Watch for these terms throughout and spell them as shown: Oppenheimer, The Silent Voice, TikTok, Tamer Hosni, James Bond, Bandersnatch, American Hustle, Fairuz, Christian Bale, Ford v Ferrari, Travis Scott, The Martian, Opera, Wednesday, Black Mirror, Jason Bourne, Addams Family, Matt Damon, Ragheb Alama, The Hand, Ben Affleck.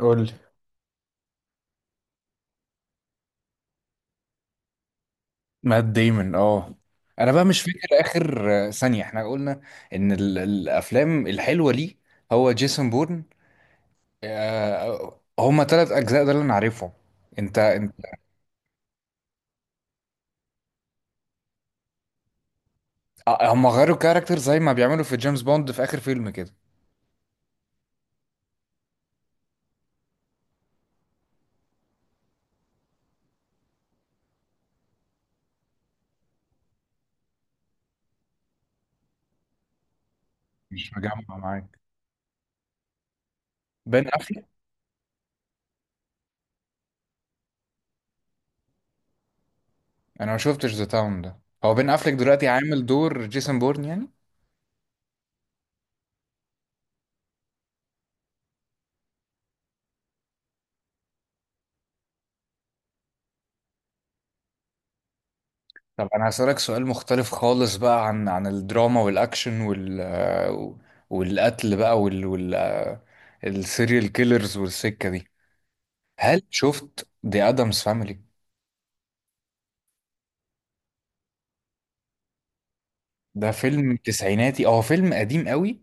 قول لي. مات ديمون، اه. انا بقى مش فاكر اخر ثانيه. احنا قلنا ان الافلام الحلوه ليه هو جيسون بورن. هما ثلاث اجزاء ده اللي انا عارفهم. انت. هما غيروا كاركتر زي ما بيعملوا في جيمس بوند في اخر فيلم كده. مش مجمع معاك بين افليك. انا ما شفتش ذا تاون ده. هو بين افليك دلوقتي عامل دور جيسون بورن يعني؟ طب انا هسألك سؤال مختلف خالص بقى عن الدراما والاكشن والقتل بقى وال وال السيريال كيلرز والسكة دي. هل شفت دي ادمز فاميلي؟ ده فيلم تسعيناتي، هو فيلم قديم قوي.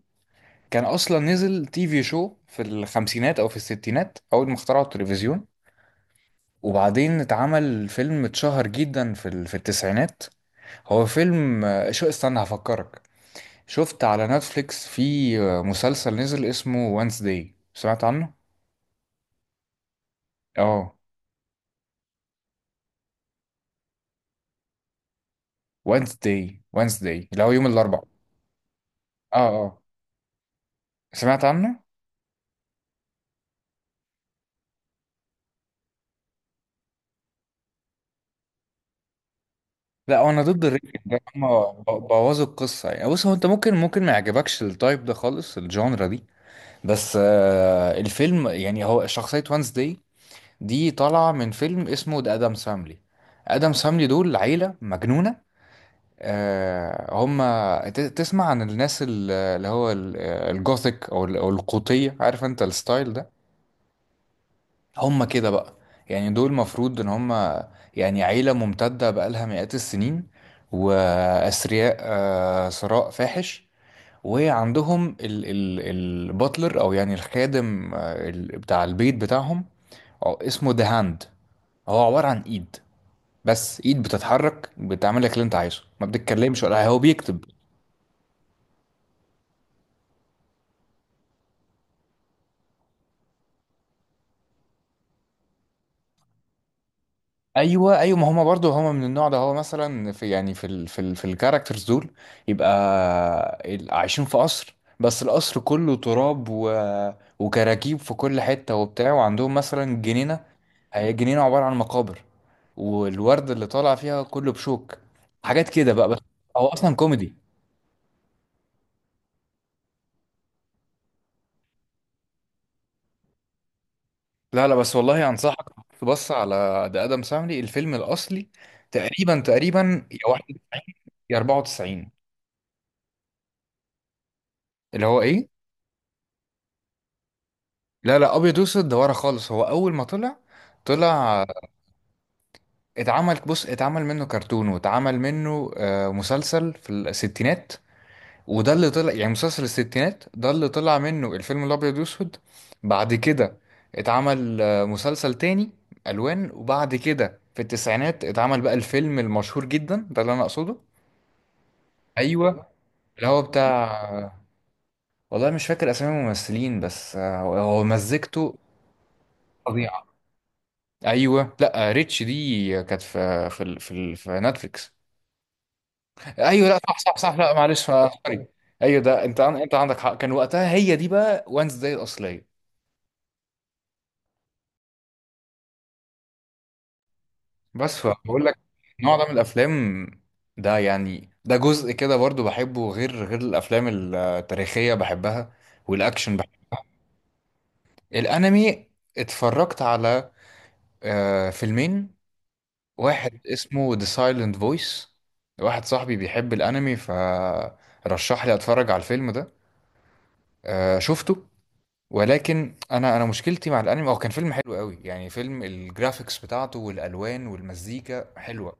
كان اصلا نزل تي في شو في الخمسينات او في الستينات اول ما اخترعوا التلفزيون، وبعدين اتعمل فيلم اتشهر جدا في في التسعينات. هو فيلم، شو استنى هفكرك. شفت على نتفليكس في مسلسل نزل اسمه وانسداي؟ سمعت عنه؟ اه، وانسداي، وانسداي اللي هو يوم الاربعاء. اه. اه. سمعت عنه؟ لا، هو انا ضد الريتنج ده، هما بوظوا القصه. يعني بص، هو انت ممكن ما يعجبكش التايب ده خالص، الجانرا دي. بس آه الفيلم يعني هو شخصيه وانسداي دي طالعه من فيلم اسمه ذا ادم ساملي. ادم ساملي دول عيله مجنونه. آه، هم تسمع عن الناس اللي هو الجوثيك او أو القوطية، عارف انت الستايل ده؟ هم كده بقى. يعني دول مفروض ان هم يعني عيلة ممتدة بقالها مئات السنين، واثرياء، ثراء فاحش. وعندهم ال الباتلر او يعني الخادم، بتاع البيت بتاعهم، أو اسمه ذا هاند. هو عبارة عن ايد، بس ايد بتتحرك بتعمل لك اللي انت عايزه، ما بتتكلمش ولا هو بيكتب. ايوه، ايوه، ما هما برضه هما من النوع ده. هو مثلا في يعني في الكاركترز دول، يبقى عايشين في قصر، بس القصر كله تراب وكراكيب في كل حته وبتاع، وعندهم مثلا جنينه، هي جنينه عباره عن مقابر، والورد اللي طالع فيها كله بشوك. حاجات كده بقى بس. هو اصلا كوميدي. لا لا، بس والله انصحك تبص على، ده ادم سامري الفيلم الاصلي، تقريبا تقريبا يا واحد يا 94. اللي هو ايه، لا لا ابيض واسود ده ورا خالص، هو اول ما طلع طلع. مم. اتعمل، بص اتعمل منه كرتون، واتعمل منه مسلسل في الستينات، وده اللي طلع يعني، مسلسل الستينات ده اللي طلع منه الفيلم الابيض واسود. بعد كده اتعمل مسلسل تاني الوان، وبعد كده في التسعينات اتعمل بقى الفيلم المشهور جدا ده اللي انا اقصده. ايوه، اللي هو بتاع، والله مش فاكر اسامي الممثلين، بس هو مزجته. ايوه، لا ريتش دي كانت في في نتفليكس. ايوه، لا صح صح صح، لا معلش، سوري. ايوه، ده انت انت عندك حق، كان وقتها هي دي بقى وانز داي الاصليه. بس فبقول لك، النوع ده من الافلام ده، يعني ده جزء كده برضو بحبه، غير الافلام التاريخيه بحبها، والاكشن بحبها. الانمي، اتفرجت على فيلمين، واحد اسمه ذا سايلنت فويس. واحد صاحبي بيحب الانمي، ف رشح لي اتفرج على الفيلم ده، آه شفته. ولكن انا مشكلتي مع الانمي، هو كان فيلم حلو قوي يعني، فيلم الجرافيكس بتاعته والالوان والمزيكا حلوه.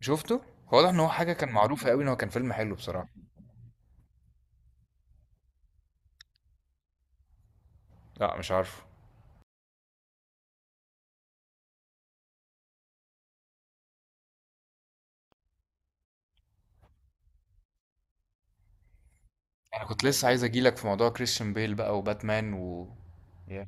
شفته، هو واضح ان هو حاجه كان معروفه قوي ان هو كان فيلم حلو بصراحه. لا مش عارفه. انا كنت لسه عايز اجيلك في موضوع كريستيان بيل بقى وباتمان و yeah.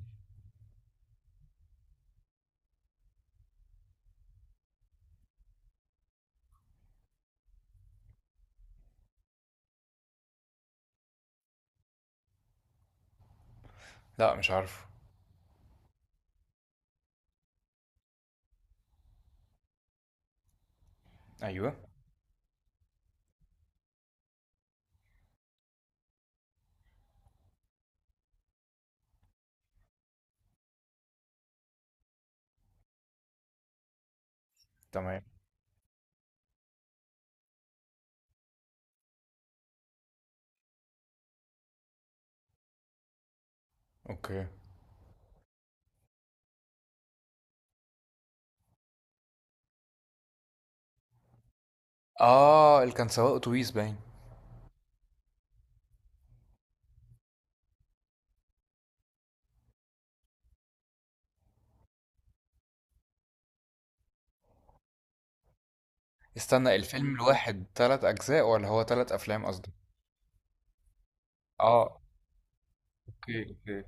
لا مش عارفه. ايوه. تمام. اوكي. اه، اللي كان سواق اتوبيس باين. استنى، الفيلم الواحد تلات اجزاء ولا هو تلات افلام قصدي؟ اه. اوكي، اوكي.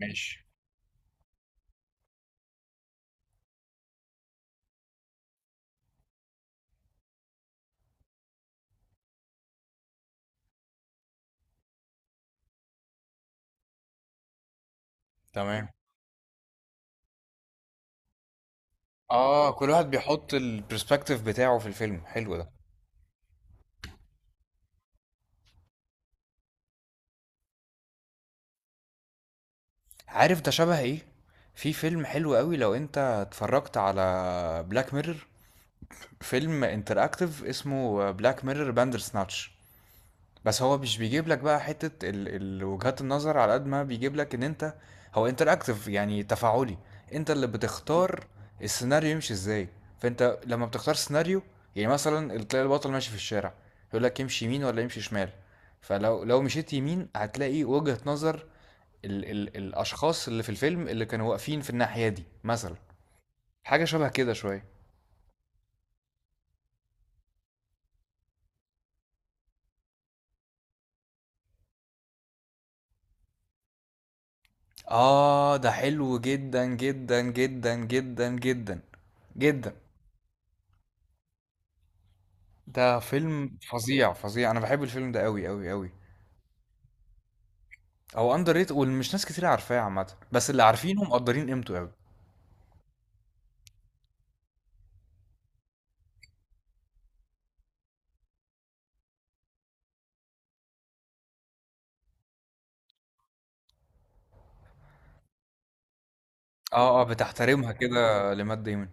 ماشي. تمام. اه كل واحد بيحط البرسبكتيف بتاعه في الفيلم، حلو ده. عارف ده شبه ايه؟ في فيلم حلو قوي لو انت اتفرجت على بلاك ميرور، فيلم انتراكتيف اسمه بلاك ميرور باندر سناتش. بس هو مش بيجيب لك بقى حتة وجهات النظر على قد ما بيجيب لك ان انت، هو انتراكتيف يعني تفاعلي، انت اللي بتختار السيناريو يمشي ازاي. فانت لما بتختار سيناريو، يعني مثلا تلاقي البطل ماشي في الشارع، يقول لك يمشي يمين ولا يمشي شمال. فلو مشيت يمين هتلاقي وجهة نظر الاشخاص اللي في الفيلم اللي كانوا واقفين في الناحية دي مثلا. حاجة شبه كده شوية. اه، ده حلو جدا جدا جدا جدا جدا جدا. ده فيلم فظيع فظيع، انا بحب الفيلم ده قوي قوي قوي. هو اندر ريت، والمش ناس كتير عارفاه عامه، بس اللي عارفينه مقدرين قيمته قوي. اه اه، بتحترمها كده لمات ديمون.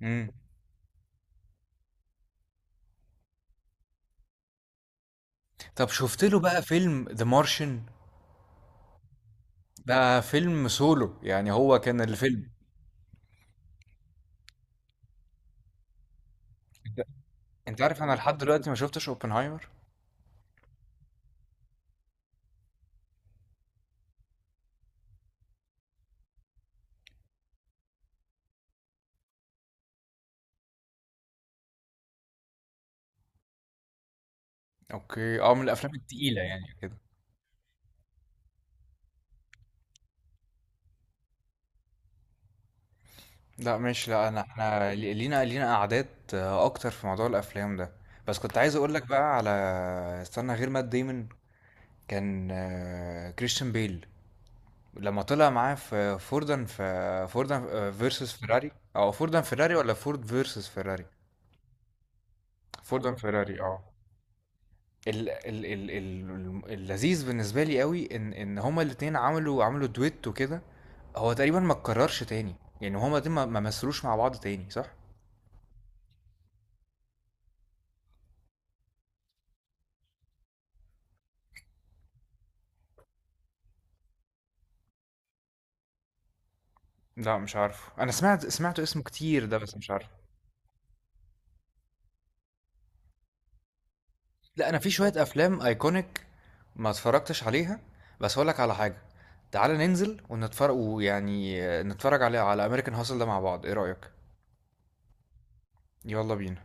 امم. طب شفت له بقى فيلم ذا مارشن؟ ده فيلم سولو، يعني هو كان الفيلم. انت انت عارف، انا لحد دلوقتي ما شفتش اوبنهايمر. اوكي. اه، من الافلام التقيله يعني كده. لا مش، لا انا، احنا لينا قعدات اكتر في موضوع الافلام ده. بس كنت عايز اقول لك بقى على، استنى، غير مات ديمون كان كريستيان بيل لما طلع معاه في فوردن، في فيرسس فيراري، او فوردن فيراري، ولا فورد فيرسس فيراري؟ فوردن فيراري اه. ال اللذيذ بالنسبه لي قوي، ان هما الاتنين عملوا دويت وكده، هو تقريبا ما اتكررش تاني. يعني هما دول ما مثلوش مع بعض تاني صح؟ لا مش عارف. انا سمعت اسمه كتير ده، بس مش عارف. لا انا في شويه افلام ايكونيك ما اتفرجتش عليها. بس هقول لك على حاجه، تعالى ننزل ونتفرج، ويعني نتفرج على امريكان هاسل ده مع بعض، ايه رايك؟ يلا بينا.